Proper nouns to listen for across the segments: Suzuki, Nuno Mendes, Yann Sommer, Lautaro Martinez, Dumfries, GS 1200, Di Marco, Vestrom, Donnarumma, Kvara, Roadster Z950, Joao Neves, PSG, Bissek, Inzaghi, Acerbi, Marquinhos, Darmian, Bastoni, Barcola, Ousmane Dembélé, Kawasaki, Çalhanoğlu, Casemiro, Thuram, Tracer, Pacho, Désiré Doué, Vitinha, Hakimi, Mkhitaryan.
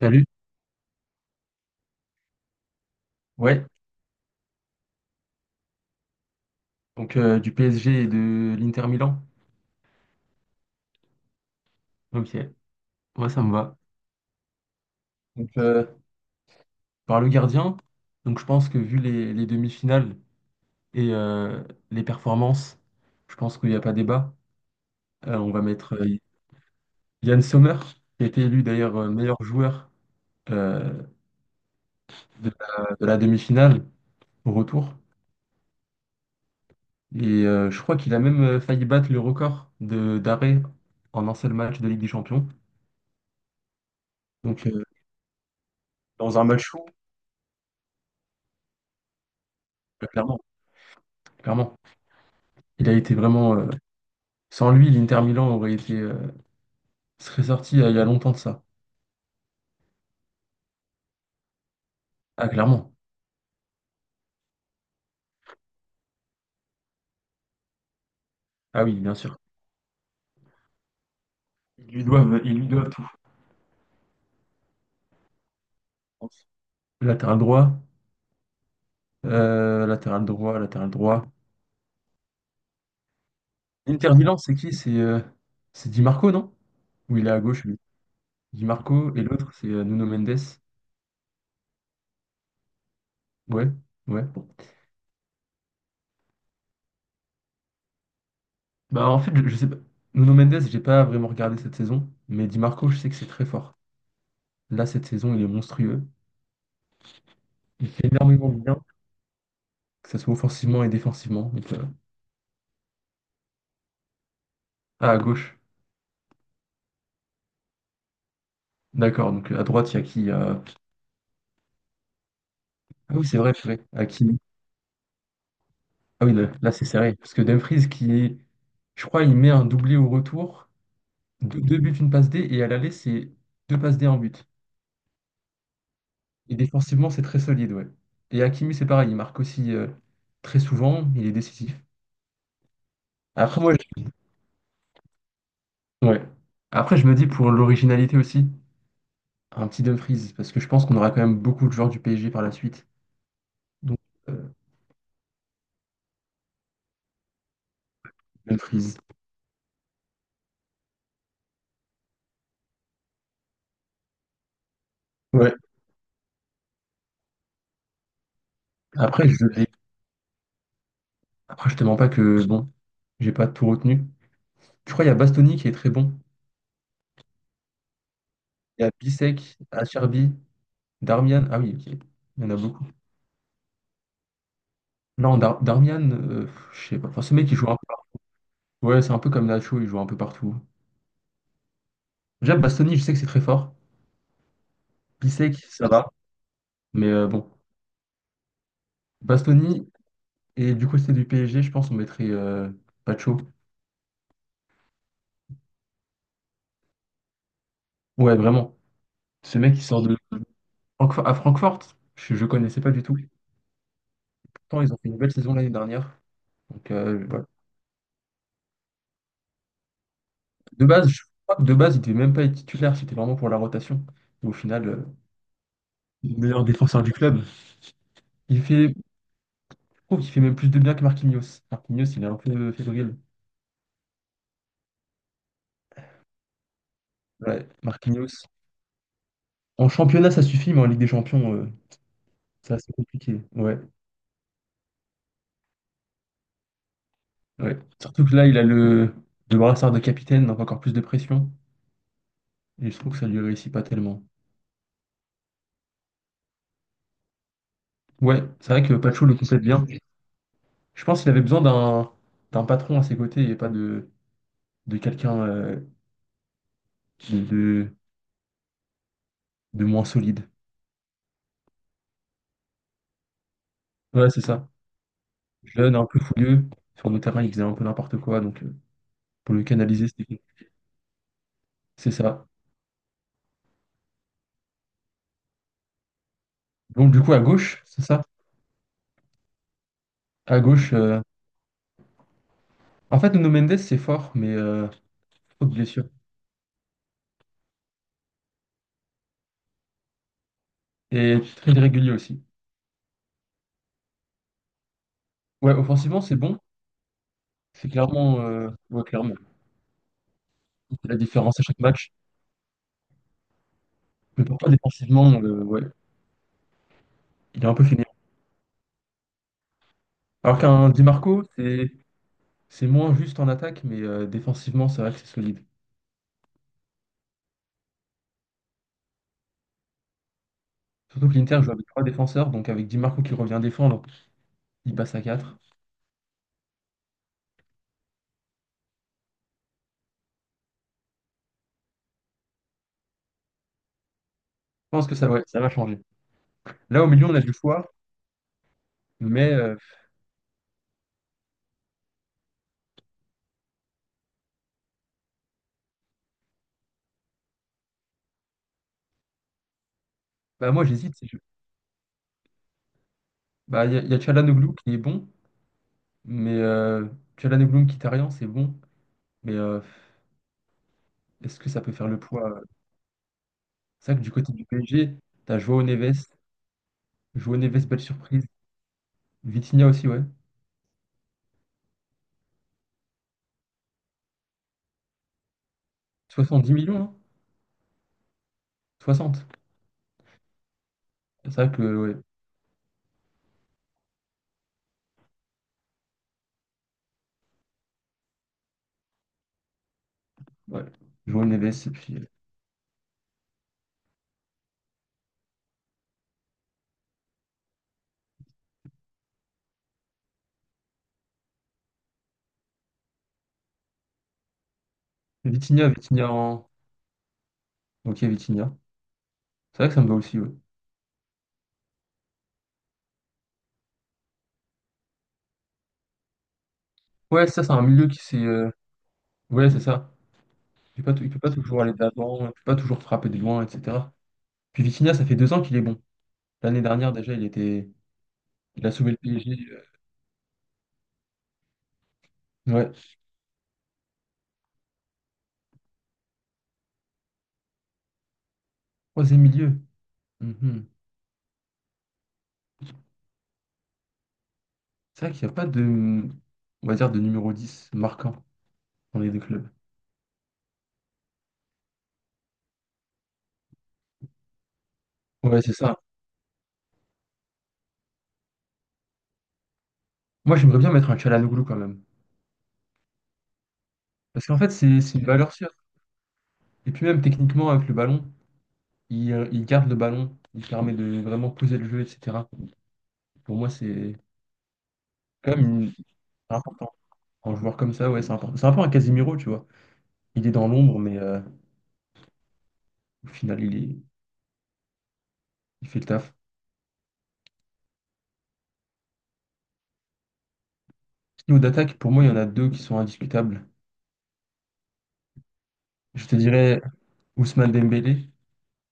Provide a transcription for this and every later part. Salut. Ouais, donc du PSG et de l'Inter Milan. Ok, moi ça me va. Donc par le gardien, donc je pense que vu les demi-finales et les performances, je pense qu'il n'y a pas débat. On va mettre Yann Sommer, qui a été élu d'ailleurs meilleur joueur euh, de la demi-finale au retour. Et je crois qu'il a même failli battre le record de d'arrêt en un seul match de Ligue des Champions. Donc dans un match fou, clairement, clairement. Il a été vraiment. Sans lui, l'Inter Milan aurait serait sorti il y a longtemps de ça. Ah, clairement. Ah oui, bien sûr. Ils lui doivent tout, je pense. Latéral droit, latéral droit, latéral droit. L'Inter Milan, c'est qui? C'est Di Marco, non? Ou il est à gauche, lui. Di Marco, et l'autre, c'est Nuno Mendes. Ouais, ouais. Bah, en fait, je sais pas. Nuno Mendes, j'ai pas vraiment regardé cette saison, mais Di Marco, je sais que c'est très fort. Là, cette saison, il est monstrueux. Il fait énormément de bien, que ce soit offensivement et défensivement. Donc, ah, à gauche. D'accord, donc à droite, il y a qui? Ah oui, c'est vrai, purée. À qui... Ah oui, là, c'est serré. Parce que Dumfries, qui, est, je crois, il met un doublé au retour, deux buts, une passe D, et à l'aller, c'est deux passes D, un but. Et défensivement, c'est très solide, ouais. Et Hakimi, c'est pareil, il marque aussi très souvent, il est décisif. Après, moi, je... ouais. Après, je me dis pour l'originalité aussi, un petit Dumfries, parce que je pense qu'on aura quand même beaucoup de joueurs du PSG par la suite. Donc, euh, Dumfries. Ouais. Après, je... Après, je te mens pas que, bon, j'ai pas tout retenu. Je crois qu'il y a Bastoni qui est très bon. Il y a Bissek, Acerbi, Darmian. Ah oui, ok. Il y en a beaucoup. Non, Darmian, je sais pas. Enfin, ce mec, il joue un peu partout. Ouais, c'est un peu comme Nacho, il joue un peu partout. Déjà, Bastoni, je sais que c'est très fort. Bissek, ça va. Mais bon, Bastoni, et du côté du PSG, je pense on mettrait Pacho. Ouais, vraiment. Ce mec, il sort de à Francfort. Je ne connaissais pas du tout. Pourtant, ils ont fait une belle saison l'année dernière. Donc, voilà. De base, je crois que de base, il devait même pas être titulaire. C'était vraiment pour la rotation. Et au final, meilleur défenseur du club. Il fait, je trouve qu'il fait même plus de bien que Marquinhos. Marquinhos, il est un peu fébrile. Ouais, Marquinhos. En championnat, ça suffit, mais en Ligue des Champions, c'est assez compliqué. Ouais, ouais. Surtout que là, il a le brassard de capitaine, donc encore plus de pression. Et je trouve que ça lui réussit pas tellement. Ouais, c'est vrai que Pacho le complète bien. Je pense qu'il avait besoin d'un patron à ses côtés et pas de quelqu'un qui- de, de moins solide. Ouais, c'est ça. Jeune, un peu fougueux. Sur le terrain, il faisait un peu n'importe quoi, donc, pour le canaliser. C'est ça. Donc, du coup, à gauche, c'est ça? À gauche. En fait, Nuno Mendes, c'est fort, mais trop de blessures. Et très irrégulier aussi. Ouais, offensivement, c'est bon. C'est clairement, ouais, clairement. Il fait la différence à chaque match. Mais pourquoi défensivement, ouais, il est un peu fini. Alors qu'un Di Marco, c'est moins juste en attaque, mais défensivement, c'est vrai que c'est solide. Surtout que l'Inter joue avec trois défenseurs, donc avec Di Marco qui revient défendre, il passe à quatre. Je pense que ça, ouais, ça va changer. Là, au milieu, on a du choix, mais bah, moi, j'hésite. Bah, il y a Çalhanoğlu qui est bon, mais Çalhanoğlu Mkhitaryan, c'est bon, mais est-ce que ça peut faire le poids? C'est vrai que du côté du PSG, t'as Joao Neves, Joao Neves, belle surprise. Vitinha aussi, ouais. 70 millions, hein, 60. C'est vrai que, ouais, ouais. Joao Neves, et puis Vitinha, Vitinha en... Ok, Vitinha. C'est vrai que ça me va aussi, ouais. Ouais, ça, c'est un milieu qui s'est... Ouais, c'est ça. Il peut pas toujours aller de l'avant, il peut pas toujours frapper de loin, etc. Puis Vitinha, ça fait 2 ans qu'il est bon. L'année dernière, déjà, il était... Il a sauvé le PSG. Ouais, troisième milieu. Mhm. C'est vrai qu'il n'y a pas de, on va dire, de numéro 10 marquant dans les deux clubs. Ouais, c'est ça. Moi, j'aimerais bien mettre un Çalhanoğlu quand même. Parce qu'en fait, c'est une valeur sûre. Et puis même techniquement, avec le ballon, il garde le ballon, il permet de vraiment poser le jeu, etc. Pour moi, c'est quand même c'est important. Un joueur comme ça, ouais, c'est important. C'est un peu un Casemiro, tu vois. Il est dans l'ombre, mais au final, il fait le taf. Sinon, d'attaque, pour moi, il y en a deux qui sont indiscutables. Je te dirais Ousmane Dembélé.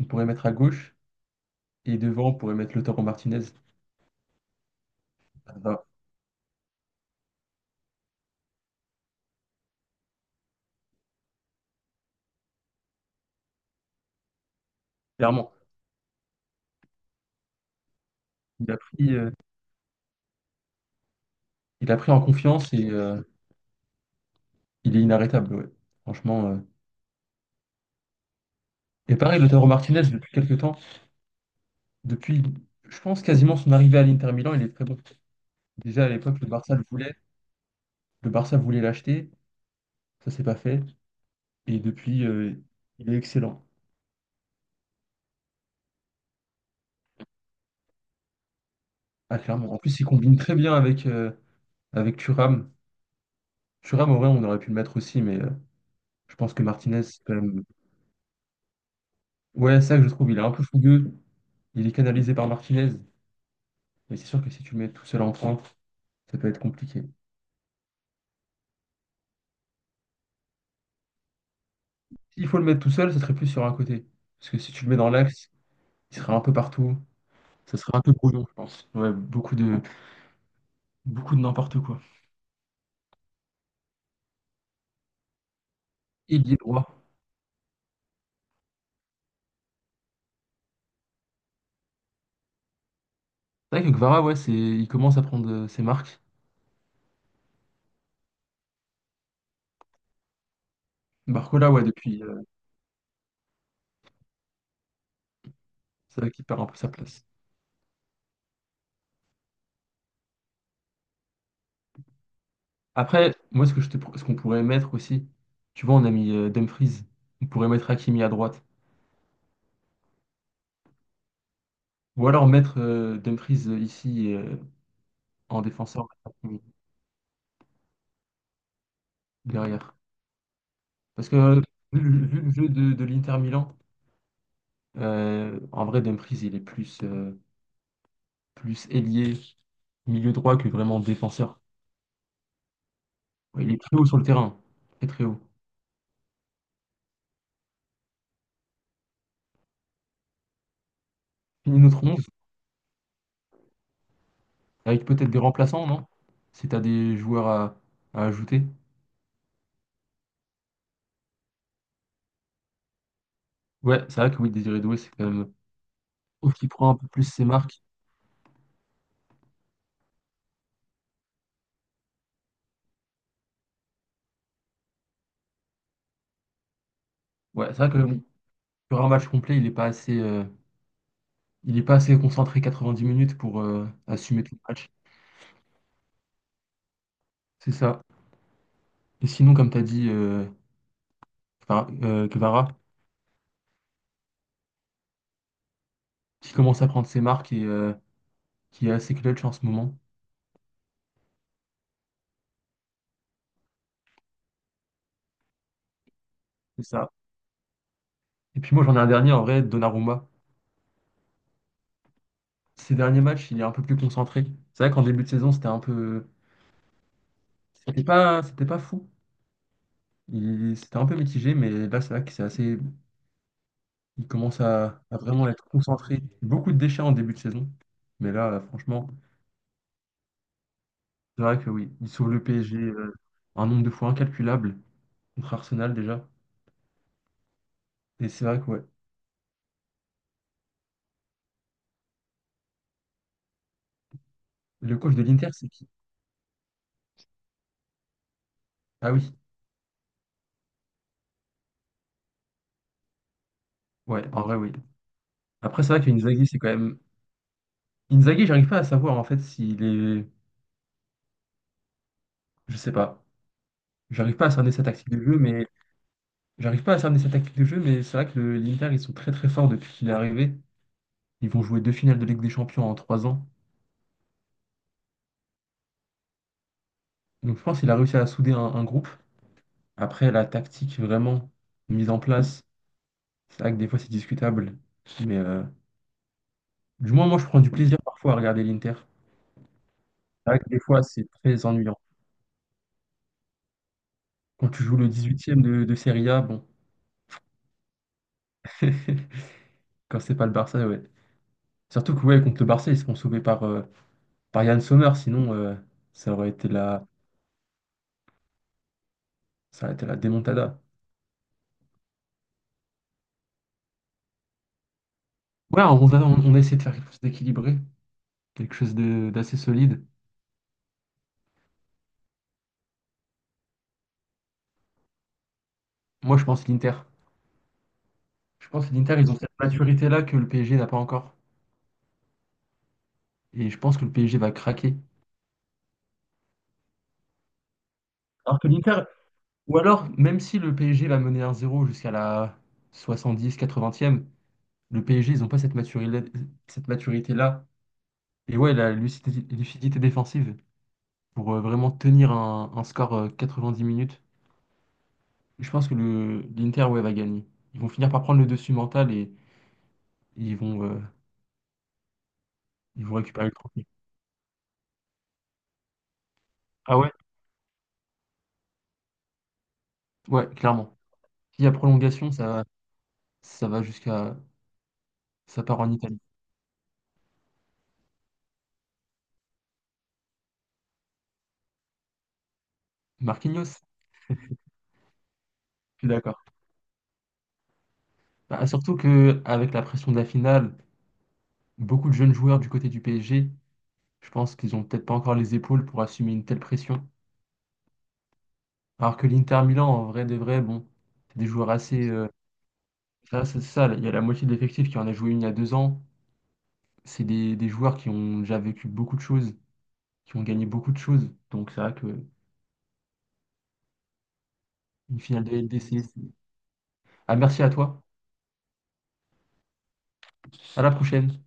On pourrait mettre à gauche, et devant, on pourrait mettre Lautaro Martinez. Ça va, clairement, il a pris, euh, il a pris en confiance et il est inarrêtable. Ouais. Franchement. Et pareil, Lautaro Martinez, depuis quelques temps, depuis, je pense, quasiment son arrivée à l'Inter Milan, il est très bon. Déjà à l'époque, le Barça le voulait. Le Barça voulait l'acheter. Ça s'est pas fait. Et depuis, il est excellent. Ah, clairement. En plus, il combine très bien avec Thuram. Thuram, en vrai, on aurait pu le mettre aussi, mais je pense que Martinez, c'est quand même. Ouais, ça que je trouve, il est un peu fougueux. Il est canalisé par Martinez, mais c'est sûr que si tu le mets tout seul en pointe, ça peut être compliqué. S'il faut le mettre tout seul, ça serait plus sur un côté. Parce que si tu le mets dans l'axe, il serait un peu partout. Ça serait un peu brouillon, je pense. Ouais, beaucoup de n'importe quoi. Ailier droit. C'est vrai que Kvara, ouais, il commence à prendre ses marques. Barcola, ouais, depuis, c'est vrai qu'il perd un peu sa place. Après, moi, ce que ce qu'on pourrait mettre aussi, tu vois, on a mis Dumfries. On pourrait mettre Hakimi à droite. Ou alors mettre Dumfries ici, en défenseur, Hakimi derrière. Parce que vu le jeu de l'Inter Milan, en vrai, Dumfries, il est plus ailier, milieu droit que vraiment défenseur. Ouais, il est très haut sur le terrain, très très haut. Fini notre 11, avec peut-être des remplaçants, non? Si t'as des joueurs à ajouter. Ouais, c'est vrai que oui, Désiré Doué, c'est quand même... Sauf qu'il prend un peu plus ses marques. Ouais, c'est vrai que oui, sur un match complet, il n'est pas assez, il est pas assez concentré 90 minutes pour assumer tout le match. C'est ça. Et sinon, comme tu as dit, Kvara, qui commence à prendre ses marques et qui est assez clutch en ce moment. C'est ça. Et puis moi, j'en ai un dernier en vrai, Donnarumma. Ces derniers matchs, il est un peu plus concentré. C'est vrai qu'en début de saison, c'était un peu. C'était pas fou. Il... C'était un peu mitigé, mais là, c'est vrai que c'est assez. Il commence à vraiment être concentré. Beaucoup de déchets en début de saison. Mais là, franchement, c'est vrai que oui, il sauve le PSG un nombre de fois incalculable contre Arsenal déjà. Et c'est vrai que ouais. Le coach de l'Inter, c'est qui? Ah oui, ouais, en vrai, oui. Après, c'est vrai que Inzaghi, c'est quand même Inzaghi, j'arrive pas à savoir en fait s'il est. Je sais pas. J'arrive pas à cerner sa tactique de jeu, mais j'arrive pas à cerner sa tactique de jeu, mais c'est vrai que l'Inter, ils sont très très forts depuis qu'il est arrivé. Ils vont jouer deux finales de Ligue des Champions en 3 ans. Donc je pense qu'il a réussi à souder un groupe. Après, la tactique vraiment mise en place, c'est vrai que des fois c'est discutable. Mais du moins, moi je prends du plaisir parfois à regarder l'Inter. C'est vrai que des fois c'est très ennuyant. Quand tu joues le 18e de Serie A, bon, quand c'est pas le Barça, ouais. Surtout que ouais, contre le Barça, ils se font sauver par Yann Sommer, sinon ça aurait été la, ça aurait été la démontada. Ouais, on a essayé de faire quelque chose d'équilibré, quelque chose d'assez solide. Moi, je pense l'Inter. Je pense que l'Inter, ils ont cette maturité-là que le PSG n'a pas encore. Et je pense que le PSG va craquer. Alors que l'Inter, ou alors, même si le PSG va mener 1-0 jusqu'à la 70e-80e, le PSG, ils n'ont pas cette maturité, cette maturité-là. Et ouais, la lucidité défensive pour vraiment tenir un score 10 minutes. Je pense que le l'Inter ouais, va gagner. Ils vont finir par prendre le dessus mental et ils vont, euh, ils vont récupérer le trophée. Ah ouais? Ouais, clairement. S'il y a prolongation, ça va jusqu'à... Ça part en Italie. Marquinhos? Je suis d'accord. Bah, surtout que avec la pression de la finale, beaucoup de jeunes joueurs du côté du PSG, je pense qu'ils ont peut-être pas encore les épaules pour assumer une telle pression. Alors que l'Inter Milan, en vrai de vrai, bon, c'est des joueurs assez... ça, c'est ça, il y a la moitié de l'effectif qui en a joué une il y a 2 ans. C'est des joueurs qui ont déjà vécu beaucoup de choses qui ont gagné beaucoup de choses. Donc c'est vrai que une finale de LDC. Ah, merci à toi. À la prochaine.